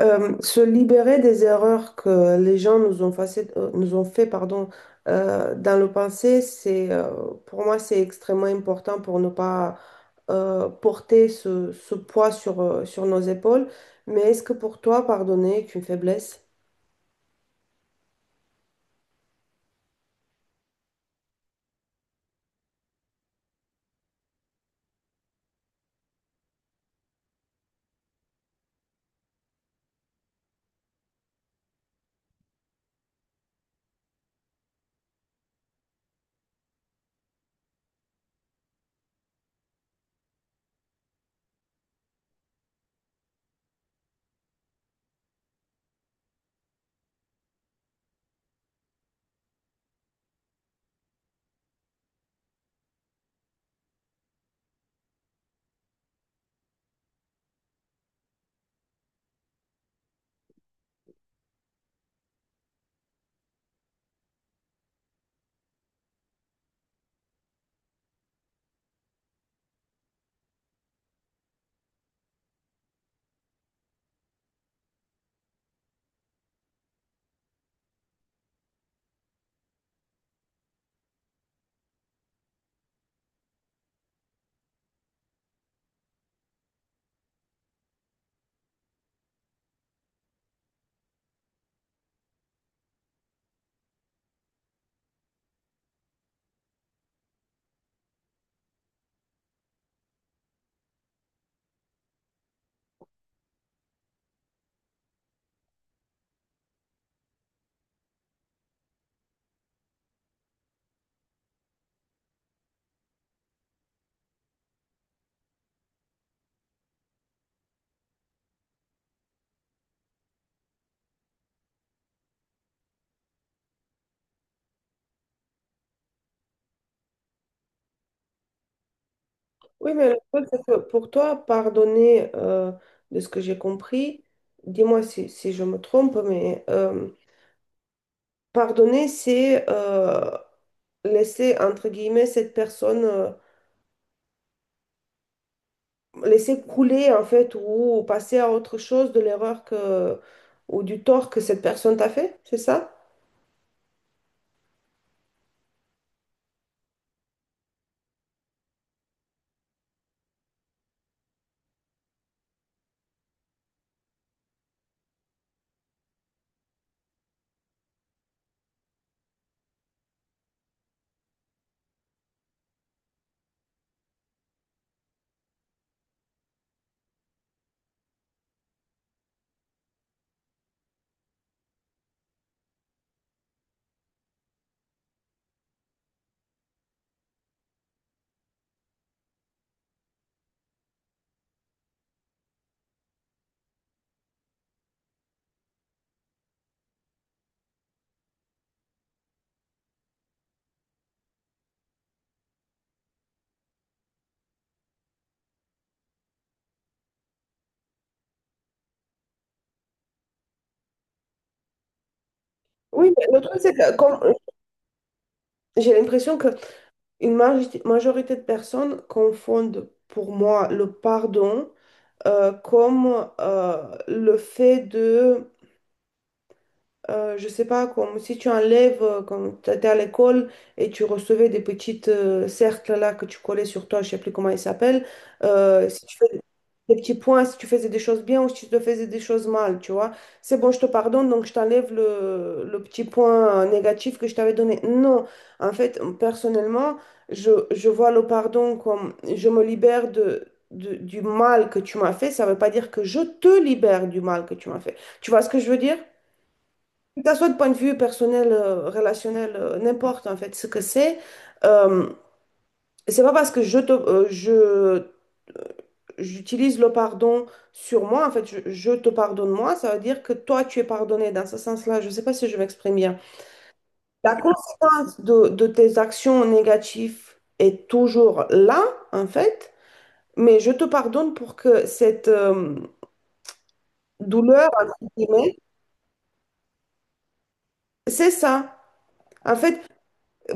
Se libérer des erreurs que les gens nous ont fait, pardon, dans le passé, pour moi, c'est extrêmement important pour ne pas porter ce poids sur nos épaules. Mais est-ce que pour toi, pardonner est une faiblesse? Oui, mais le problème, c'est que pour toi, de ce que j'ai compris, dis-moi si je me trompe, pardonner, c'est laisser, entre guillemets, cette personne, laisser couler en fait ou passer à autre chose de l'erreur que ou du tort que cette personne t'a fait, c'est ça? Oui, mais le truc c'est que j'ai l'impression que une majorité de personnes confondent pour moi le pardon comme le fait de je sais pas, comme si tu enlèves, quand tu étais à l'école et tu recevais des petites cercles là que tu collais sur toi, je sais plus comment ils s'appellent, si tu des petits points si tu faisais des choses bien ou si tu te faisais des choses mal, tu vois. C'est bon, je te pardonne, donc je t'enlève le petit point négatif que je t'avais donné. Non, en fait, personnellement, je vois le pardon comme je me libère du mal que tu m'as fait. Ça ne veut pas dire que je te libère du mal que tu m'as fait. Tu vois ce que je veux dire? Que ça soit de point de vue personnel, relationnel, n'importe en fait ce que c'est. Euh, c'est pas parce que je, te- je, j'utilise le pardon sur moi, en fait, je te pardonne moi, ça veut dire que toi, tu es pardonné dans ce sens-là. Je sais pas si je m'exprime bien. La conséquence de tes actions négatives est toujours là, en fait, mais je te pardonne pour que cette douleur, entre guillemets, c'est ça. En fait,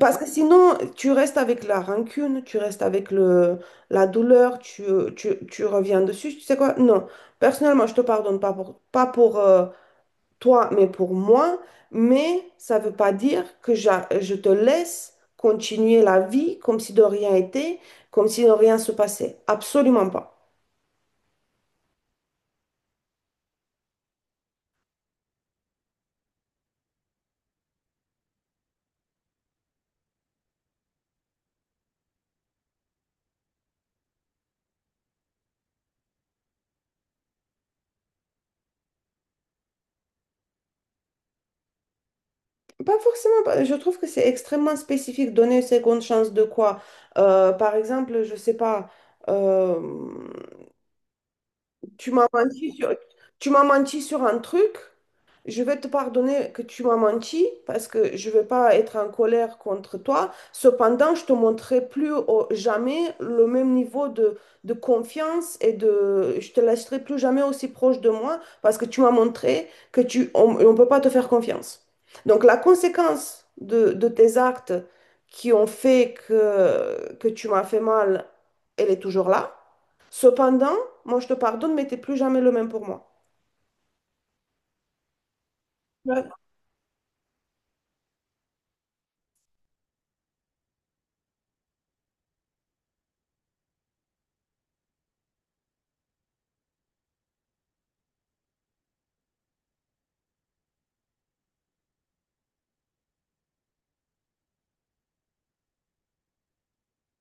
parce que sinon, tu restes avec la rancune, tu restes avec la douleur, tu reviens dessus. Tu sais quoi? Non. Personnellement, je te pardonne pas pour toi, mais pour moi. Mais ça veut pas dire que je te laisse continuer la vie comme si de rien était, comme si de rien se passait. Absolument pas. Pas forcément. Je trouve que c'est extrêmement spécifique. Donner une seconde chance de quoi? Par exemple, je sais pas. euh, Tu m'as menti sur, tu m'as menti sur un truc. Je vais te pardonner que tu m'as menti parce que je ne vais pas être en colère contre toi. Cependant, je te montrerai jamais le même niveau de confiance et de, je te laisserai plus jamais aussi proche de moi parce que tu m'as montré que tu, on ne peut pas te faire confiance. Donc, la conséquence de tes actes qui ont fait que tu m'as fait mal, elle est toujours là. Cependant, moi, je te pardonne, mais t'es plus jamais le même pour moi. Ouais.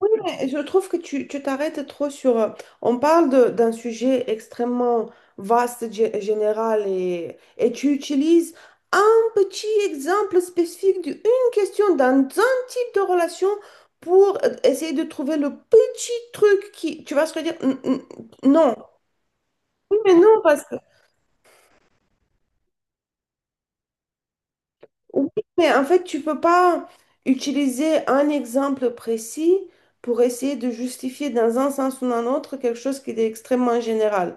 Oui, mais je trouve que tu t'arrêtes trop sur… On parle d'un sujet extrêmement vaste, général, et tu utilises un petit exemple spécifique d'une question dans un type de relation pour essayer de trouver le petit truc qui… Tu vas se dire, non. Oui, mais non, parce que… Oui, mais en fait, tu peux pas utiliser un exemple précis pour essayer de justifier dans un sens ou dans un autre quelque chose qui est extrêmement général.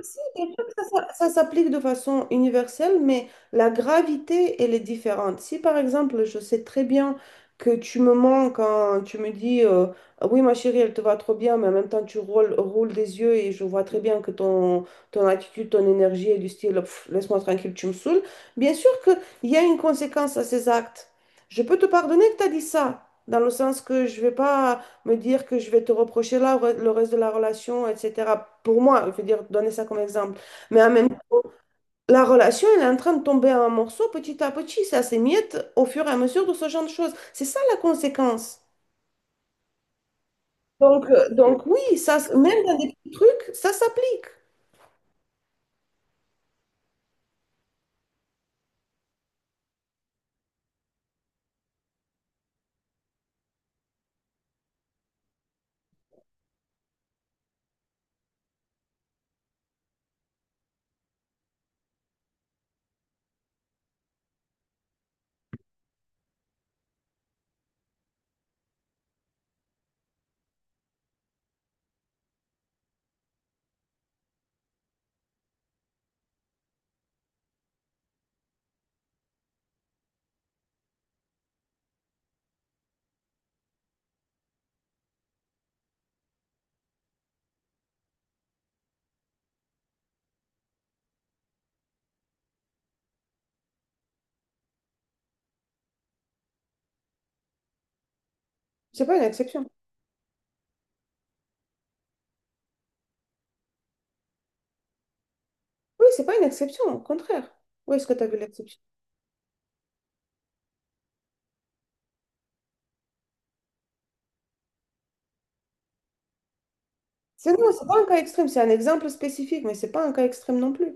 Si, des trucs, ça s'applique de façon universelle, mais la gravité, elle est différente. Si par exemple, je sais très bien que tu me mens quand tu me dis Ah oui, ma chérie, elle te va trop bien, mais en même temps, tu roules des yeux et je vois très bien que ton, ton attitude, ton énergie est du style Pff, laisse-moi tranquille, tu me saoules. Bien sûr qu'il y a une conséquence à ces actes. Je peux te pardonner que tu as dit ça, dans le sens que je vais pas me dire que je vais te reprocher là, le reste de la relation, etc. Pour moi, je veux dire, donner ça comme exemple. Mais en même temps, la relation, elle est en train de tomber en morceaux petit à petit. Ça s'émiette au fur et à mesure de ce genre de choses. C'est ça la conséquence. Donc, donc oui, ça, même dans des petits trucs, ça s'applique. C'est pas une exception. Oui, c'est pas une exception, au contraire. Où est-ce que tu as vu l'exception? C'est non, c'est pas un cas extrême, c'est un exemple spécifique, mais c'est pas un cas extrême non plus.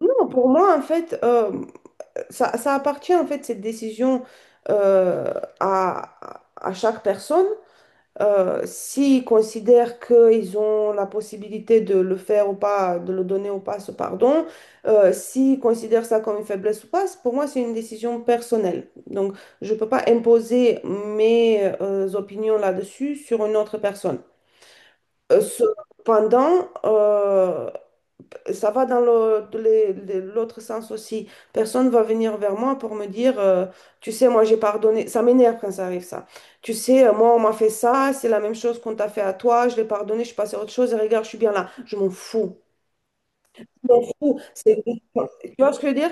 Non, pour moi, en fait, ça, ça appartient en fait cette décision euh, à chaque personne. S'ils considèrent qu'ils ont la possibilité de le faire ou pas, de le donner ou pas ce pardon, s'ils considèrent ça comme une faiblesse ou pas, pour moi c'est une décision personnelle. Donc je ne peux pas imposer mes opinions là-dessus sur une autre personne. Cependant, ça va dans l'autre sens aussi. Personne va venir vers moi pour me dire, tu sais, moi j'ai pardonné. Ça m'énerve quand ça arrive, ça. Tu sais, moi on m'a fait ça, c'est la même chose qu'on t'a fait à toi, je l'ai pardonné, je suis passée à autre chose et regarde, je suis bien là. Je m'en fous. Je m'en fous. Tu vois ce que je veux dire?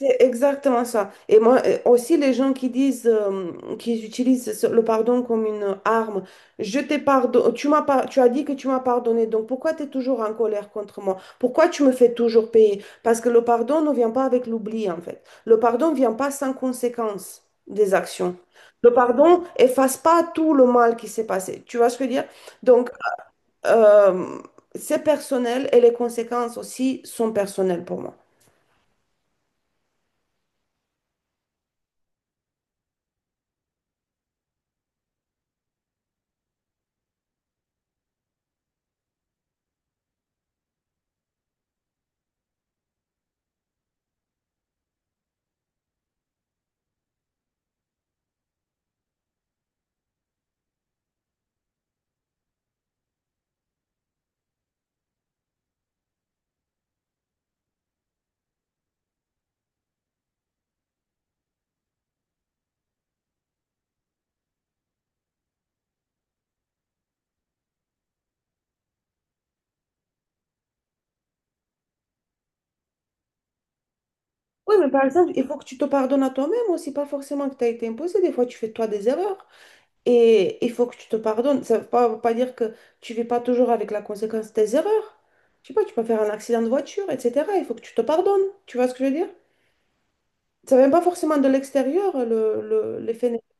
C'est exactement ça. Et moi, aussi, les gens qui disent, qui utilisent le pardon comme une arme, je t'ai pardonné, tu as dit que tu m'as pardonné, donc pourquoi tu es toujours en colère contre moi? Pourquoi tu me fais toujours payer? Parce que le pardon ne vient pas avec l'oubli, en fait. Le pardon ne vient pas sans conséquence des actions. Le pardon efface pas tout le mal qui s'est passé. Tu vois ce que je veux dire? Donc, euh, c'est personnel et les conséquences aussi sont personnelles pour moi. Oui, mais par exemple, il faut que tu te pardonnes à toi-même aussi, pas forcément que tu as été imposé. Des fois, tu fais toi des erreurs et il faut que tu te pardonnes. Ça ne veut pas, veut pas dire que tu ne vis pas toujours avec la conséquence de tes erreurs. Je sais pas, tu peux faire un accident de voiture, etc. Il faut que tu te pardonnes. Tu vois ce que je veux dire? Ça vient pas forcément de l'extérieur, l'effet négatif,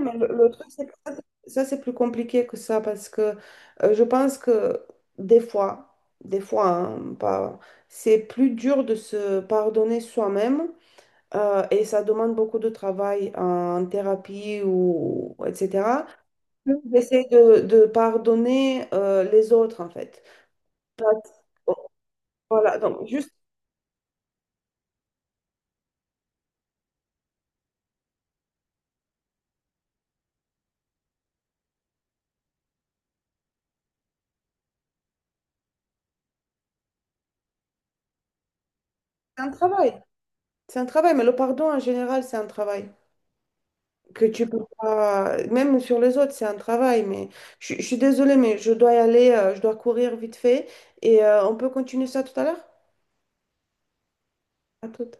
mais le truc, c'est que ça, c'est plus compliqué que ça parce que je pense que des fois, des fois, hein, pas, c'est plus dur de se pardonner soi-même. Et ça demande beaucoup de travail en thérapie ou etc. J'essaie de pardonner les autres en fait. Parce- Voilà, donc juste c'est un travail. C'est un travail, mais le pardon en général, c'est un travail que tu peux pas, même sur les autres, c'est un travail. Mais je suis désolée, mais je dois y aller, je dois courir vite fait et on peut continuer ça tout à l'heure. À tout.